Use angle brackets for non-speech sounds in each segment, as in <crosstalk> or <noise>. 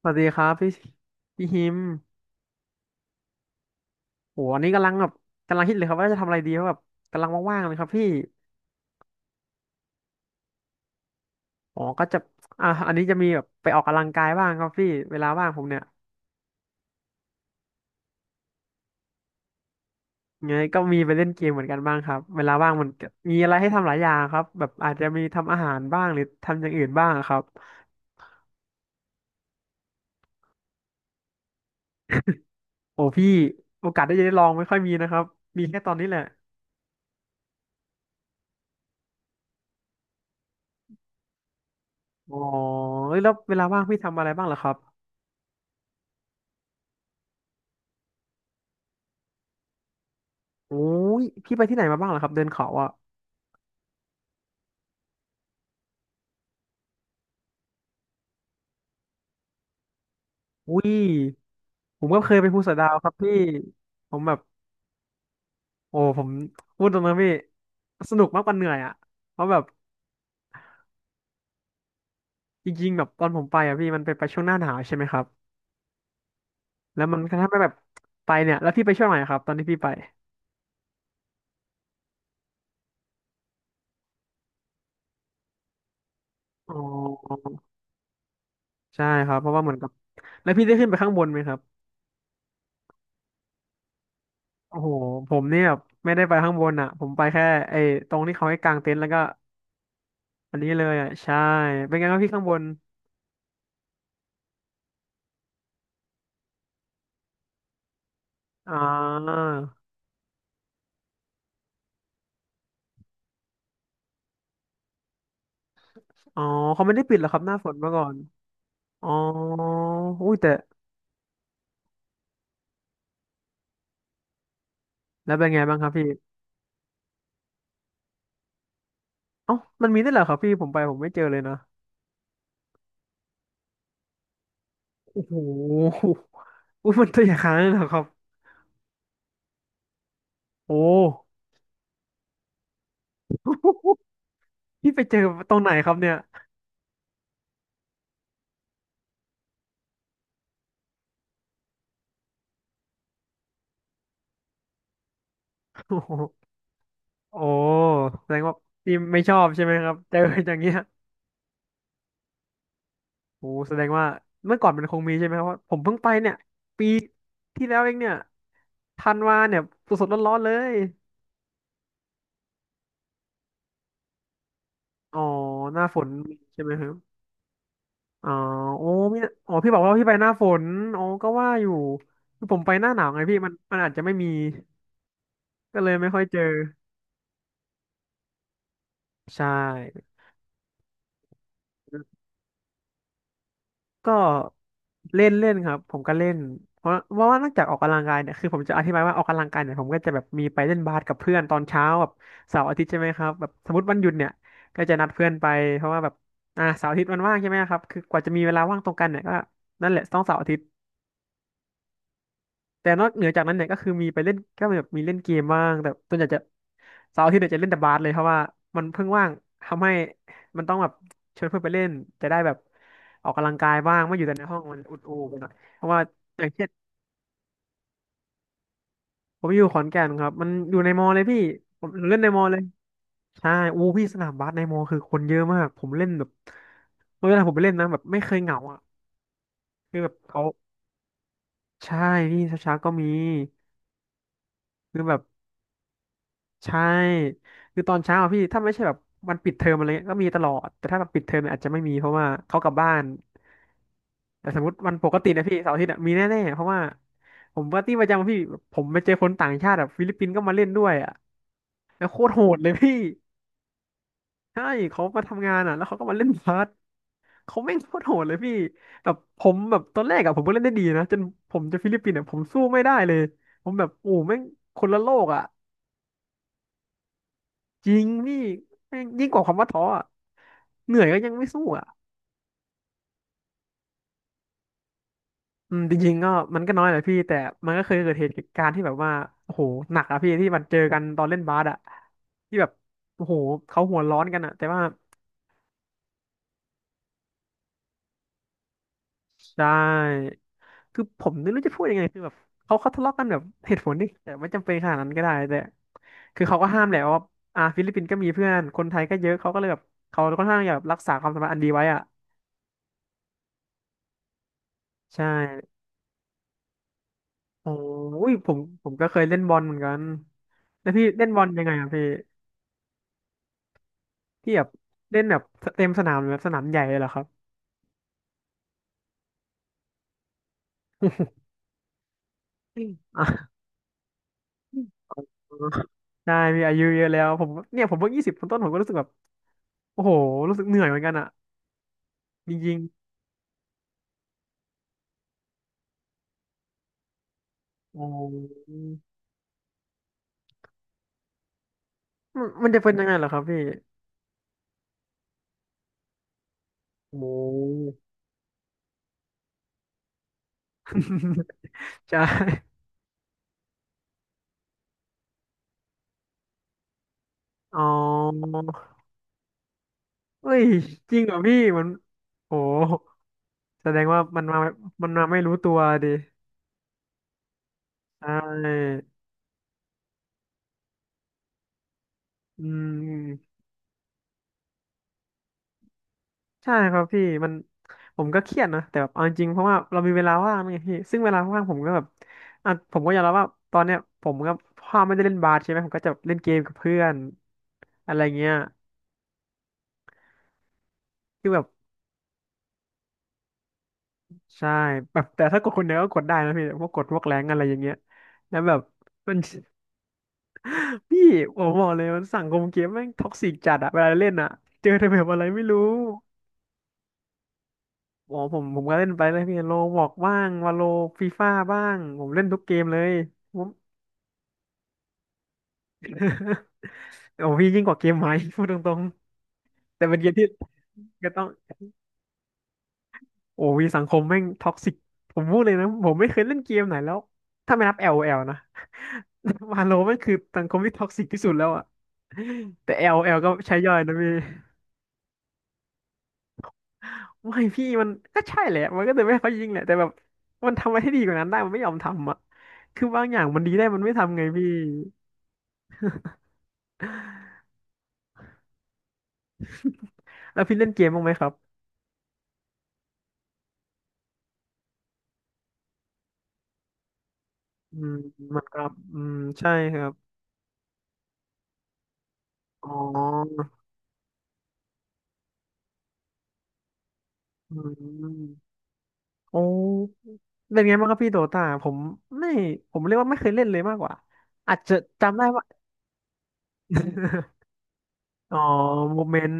สวัสดีครับพี่พี่ฮิมโหอันนี้กำลังแบบกำลังคิดเลยครับว่าจะทำอะไรดีเพราะแบบกำลังว่างๆเลยครับพี่อ๋อก็จะอันนี้จะมีแบบไปออกกำลังกายบ้างครับพี่เวลาว่างผมเนี่ยไงก็มีไปเล่นเกมเหมือนกันบ้างครับเวลาว่างมันก็มีอะไรให้ทำหลายอย่างครับแบบอาจจะมีทำอาหารบ้างหรือทำอย่างอื่นบ้างครับโอ้พี่โอกาสได้จะได้ลองไม่ค่อยมีนะครับมีแค่ตอนนี้แหละอ๋อเอ้ยแล้วเวลาว่างพี่ทำอะไรบ้างเหรอครับโอ้ยพี่ไปที่ไหนมาบ้างเหรอครับเดินเขาอะ อุ้ยผมก็เคยไปภูสอยดาวครับพี่ผมแบบโอ้ผมพูดตรงนะพี่สนุกมากกว่าเหนื่อยอ่ะเพราะแบบจริงๆแบบตอนผมไปอ่ะพี่มันไปช่วงหน้าหนาวใช่ไหมครับ แล้วมันก็ทำให้แบบไปเนี่ยแล้วพี่ไปช่วงไหนครับตอนที่พี่ไปอ๋อใช่ครับเพราะว่าเหมือนกับแล้วพี่ได้ขึ้นไปข้างบนไหมครับโอ้โหผมเนี่ยแบบไม่ได้ไปข้างบนอ่ะผมไปแค่ไอ้ตรงที่เขาให้กางเต็นท์แล้วก็อันนี้เลยอ่ะใช่เป็นไงครับพี่ข้างบนอ่าอ๋อเขาไม่ได้ปิดเหรอครับหน้าฝนเมาก่อน อ๋ออุ้ยแต่แล้วเป็นไงบ้างครับพี่เอ้ามันมีได้วยเหรอครับพี่ผมไปผมไม่เจอเลยนะโอ้โห <laughs> อุ้ยมันตัวใหญ่ขนาดนั้นเหรอครับโอ้ <laughs> พี่ไปเจอตรงไหนครับเนี่ย <laughs> โอ้โหโอ้แสดงว่าพี่ไม่ชอบใช่ไหมครับเจออย่างเงี้ยโอ้แสดงว่าเมื่อก่อนมันคงมีใช่ไหมครับว่าะผมเพิ่งไปเนี่ยปีที่แล้วเองเนี่ยธันวาเนี่ยสดๆร้อนๆเลยอ๋อหน้าฝนมีใช่ไหมครับ อ๋อโอ้พี่อ๋อพี่บอกว่าพี่ไปหน้าฝนอ๋อก็ว่าอยู่คือผมไปหน้าหนาวไงพี่มันอาจจะไม่มีก็เลยไม่ค่อยเจอใช่ก็เล่นเล่นครับผมก็เล่นเพราะว่านอกจากออกกำลังกายเนี่ยคือผมจะอธิบายว่าออกกำลังกายเนี่ยผมก็จะแบบมีไปเล่นบาสกับเพื่อนตอนเช้าแบบเสาร์อาทิตย์ใช่ไหมครับแบบสมมติวันหยุดเนี่ยก็จะนัดเพื่อนไปเพราะว่าแบบอ่าเสาร์อาทิตย์มันว่างใช่ไหมครับคือกว่าจะมีเวลาว่างตรงกันเนี่ยก็นั่นแหละต้องเสาร์อาทิตย์ แต่นอกเหนือจากนั้นเนี่ยก็คือมีไปเล่นก็แบบมีเล่นเกมบ้างแต่ส่วนใหญ่จะเสาร์อาทิตย์เนี่ยจะเล่นแต่บาสเลยเพราะว่ามันเพิ่งว่างทำให้มันต้องแบบชวนเพื่อนไปเล่นจะได้แบบออกกำลังกายบ้างไม่อยู่แต่ในห้องมันอุดอูไปหน่อยเพราะว่าอย่างเช่นผมอยู่ขอนแก่นครับมันอยู่ในมอเลยพี่ผมเล่นในมอเลยใช่อู้พี่สนามบาสในมอคือคนเยอะมากผมเล่นแบบเวลาผมไปเล่นนะแบบไม่เคยเหงาอ่ะคือแบบเขาใช่พี่เช้าๆก็มีคือแบบ ใช่คือตอนเช้าอะพี่ถ้าไม่ใช่แบบวันปิดเทอมอะไรเงี้ยก็มีตลอดแต่ถ้าแบบปิดเทอมเนี่ยอาจจะไม่มีเพราะว่าเขากลับบ้านแต่สมมติวันปกตินะพี่เสาร์อาทิตย์อะมีแน่ๆเพราะว่าผมปาร์ตี้ประจำพี่ผมไปเจอคนต่างชาติแบบฟิลิปปินส์ก็มาเล่นด้วยอ่ะแล้วโคตรโหดเลยพี่ใช่เขามาทำงานอ่ะแล้วเขาก็มาเล่นบาสเขาแม่งโคตรโหดเลยพี่แบบผมแบบตอนแรกอ่ะผมก็เล่นได้ดีนะจนผมจะฟิลิปปินส์อ่ะผมสู้ไม่ได้เลยผมแบบโอ้แม่งคนละโลกอ่ะ จริงพี่แม่งยิ่งกว่าคำว่าท้ออะเหนื่อยก็ยังไม่สู้อ่ะอืมจริงๆก็มันก็น้อยแหละพี่แต่มันก็เคยเกิดเหตุการณ์ที่แบบว่าโอ้โหหนักอะพี่ที่มันเจอกันตอนเล่นบาสอะที่แบบโอ้โหเขาหัวร้อนกันอะแต่ว่าใช่คือผมไม่รู้จะพูดยังไงคือแบบเขาทะเลาะกันแบบเหตุผลดิแต่ไม่จำเป็นขนาดนั้นก็ได้แต่คือเขาก็ห้ามแหละว่าอ่าฟิลิปปินส์ก็มีเพื่อนคนไทยก็เยอะเขาก็เลยแบบเขาค่อนข้างอยากรักษาความสัมพันธ์อันดีไว้อะใช่ โอ้ยผมผมก็เคยเล่นบอลเหมือนกันแล้วพี่เล่นบอลยังไงอ่ะพี่พี่แบบเล่นแบบเต็มสนามหรือแบบสนามใหญ่เลยเหรอครับอมอ่ะอืม <laughs> ได้พี่อายุเยอะแล้วผมเนี่ยผมเพิ่งยี่สิบต้นๆผมก็รู้สึกแบบโอ้โหรู้สึกเหนื่อยเหมือนกันอ่ะจริงโอ้มันจะเป็นยังไงเหรอครับพี่โอ้ <laughs> ใช่อ๋อเอ้ยจริงเหรอพี่มันโอ้แสดงว่ามันมามันมาไม่รู้ตัวดิใช่ อืมใช่ครับพี่มันผมก็เครียดนะแต่แบบเอาจริงๆเพราะว่าเรามีเวลาว่างไงพี่ซึ่งเวลาว่างผมก็แบบอ่ะผมก็ยอมรับว่าตอนเนี้ยผมก็พ่อไม่ได้เล่นบาสใช่ไหมผมก็จะเล่นเกมกับเพื่อนอะไรเงี้ยคือแบบใช่แบบแต่ถ้ากดคนเดียวก็กดได้นะพี่พวกกดพวกแรงอะไรอย่างเงี้ยแล้วแบบมัน <laughs> พี่ผมบอกเลยมันสังคมเกมแม่งท็อกซิกจัดอะเวลาเล่นอะเจอแต่แบบอะไรไม่รู้ อ๋อผมก็เล่นไปเลยพี่โลบอกบ้างวาโลฟีฟ่าบ้างผมเล่นทุกเกมเลยผม <laughs> โอ้พี่ยิ่งกว่าเกมไหม <laughs> พูดตรงๆแต่เป็นเกมที่ก็ต้องโอ้วีสังคมแม่งท็อกซิกผมพูดเลยนะผมไม่เคยเล่นเกมไหนแล้วถ้าไม่นับ l o ลโอแอลนะ <laughs> วาโลมันคือสังคมที่ท็อกซิกที่สุดแล้วอะแต่ l o ลโอแอลก็ใช้ย่อยนะพี่ไม่พี่มันก็ใช่แหละมันก็จะไม่ให้เขายิงแหละแต่แบบมันทำอะไรให้ดีกว่านั้นได้มันไม่ยอมทำอะคือบางอย่างมันดีได้มันไม่ทำไงพี่แล้วพี่เล่นเกมบ้างไหมครับ อืมเหมือนกับอืมใช่ครับอ๋ออืมโอ้เป็นไงบ้างครับพี่โดตาผมไม่ผมเรียกว่าไม่เคยเล่นเลยมากกว่าอาจจะจำได้ว่า <laughs> อ๋อโมเมนต์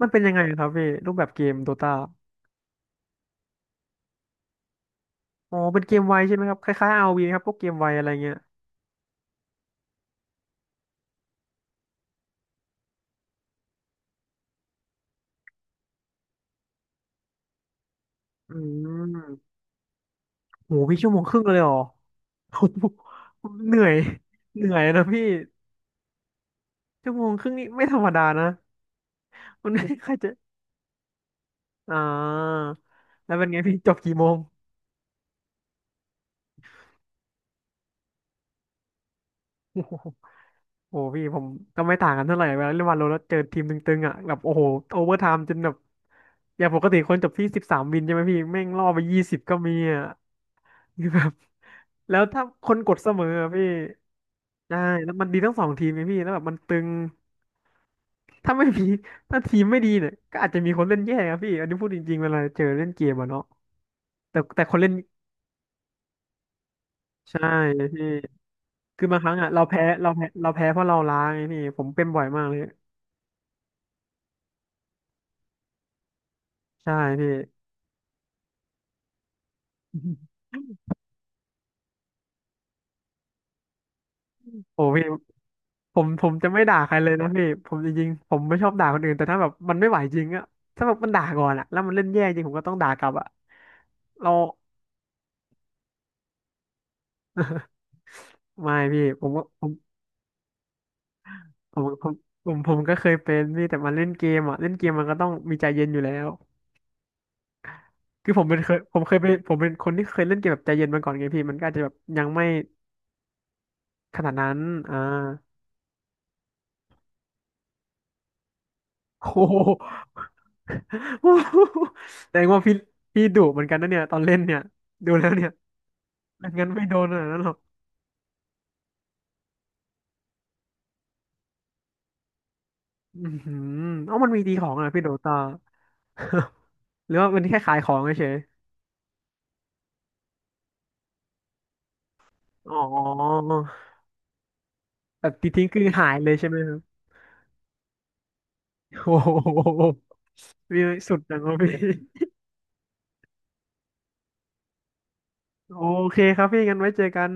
มันเป็นยังไงครับพี่รูปแบบเกมโดตาอ๋อเป็นเกมไวใช่ไหมครับคล้ายๆ r ีครับพวกเกมไวอะไรเงี้ยอืมโหพี่ชั่วโมงครึ่งเลยเหรอ <laughs> โอ้โหเหนื่อยเหนื่อยนะพี่ชั่วโมงครึ่งนี่ไม่ธรรมดานะมัน <laughs> ไม่ใครจะ อ่าแล้วเป็นไงพี่จบกี่โมงโอ้โห <laughs> โอ้โหพี่ผมก็ไม่ต่างกันเท่าไหร่เวลาเล่นวาโลแล้วเจอทีมตึงๆอ่ะแบบโอ้โหโอเวอร์ไทม์จนแบบอย่างปกติคนจบที่13วินใช่ไหมพี่แม่งล่อไปยี่สิบก็มีอ่ะ <laughs> คือแบบแล้วถ้าคนกดเสมออะพี่ใช่แล้วมันดีทั้งสองทีมไงพี่แล้วแบบมันตึงถ้าไม่มีถ้าทีมไม่ดีเนี่ยก็อาจจะมีคนเล่นแย่ครับพี่อันนี้พูดจริงๆเวลาเจอเล่นเกมอะเนาะแต่แต่คนเล่นใช่พี่ คือบางครั้งอ่ะเราแพ้เราแพ้เราแพ้เพราะเราล้าไงพี่ผมเป็นบ่อยมากเลยใช่พี่โอ้พี่ผมจะไม่ด่าใครเลยนะพี่ผมจริงๆผมไม่ชอบด่าคนอื่นแต่ถ้าแบบมันไม่ไหวจริงอ่ะถ้าแบบมันด่าก่อนอ่ะแล้วมันเล่นแย่จริงผมก็ต้องด่ากลับอ่ะเราไม่พี่ผมก็ผมผมผมผมผมก็เคยเป็นพี่แต่มันเล่นเกมอ่ะเล่นเกมมันก็ต้องมีใจเย็นอยู่แล้วคือผมเป็นเคยผมเคยเป็นผมเป็นคนที่เคยเล่นเกมแบบใจเย็นมาก่อนไงพี่มันก็อาจจะแบบยังไม่ขนาดนั้นอ่า โอ้โหแสดงว่าพี่ดุเหมือนกันนะเนี่ยตอนเล่นเนี่ยดูแล้วเนี่ยงั้นไม่โดนขนาดนั้นหรอกอือหือเอ้ามันมีดีของอ่ะพี่โดตา <laughs> หรือว่ามันแค่ขายของเฉยๆอ๋อแบบตีทิ้งคือหายเลยใช่ไหมครับโอ้โห <laughs> พี่สุดจังวะพี่โอเคครับพี่งั้นไว้เจอกัน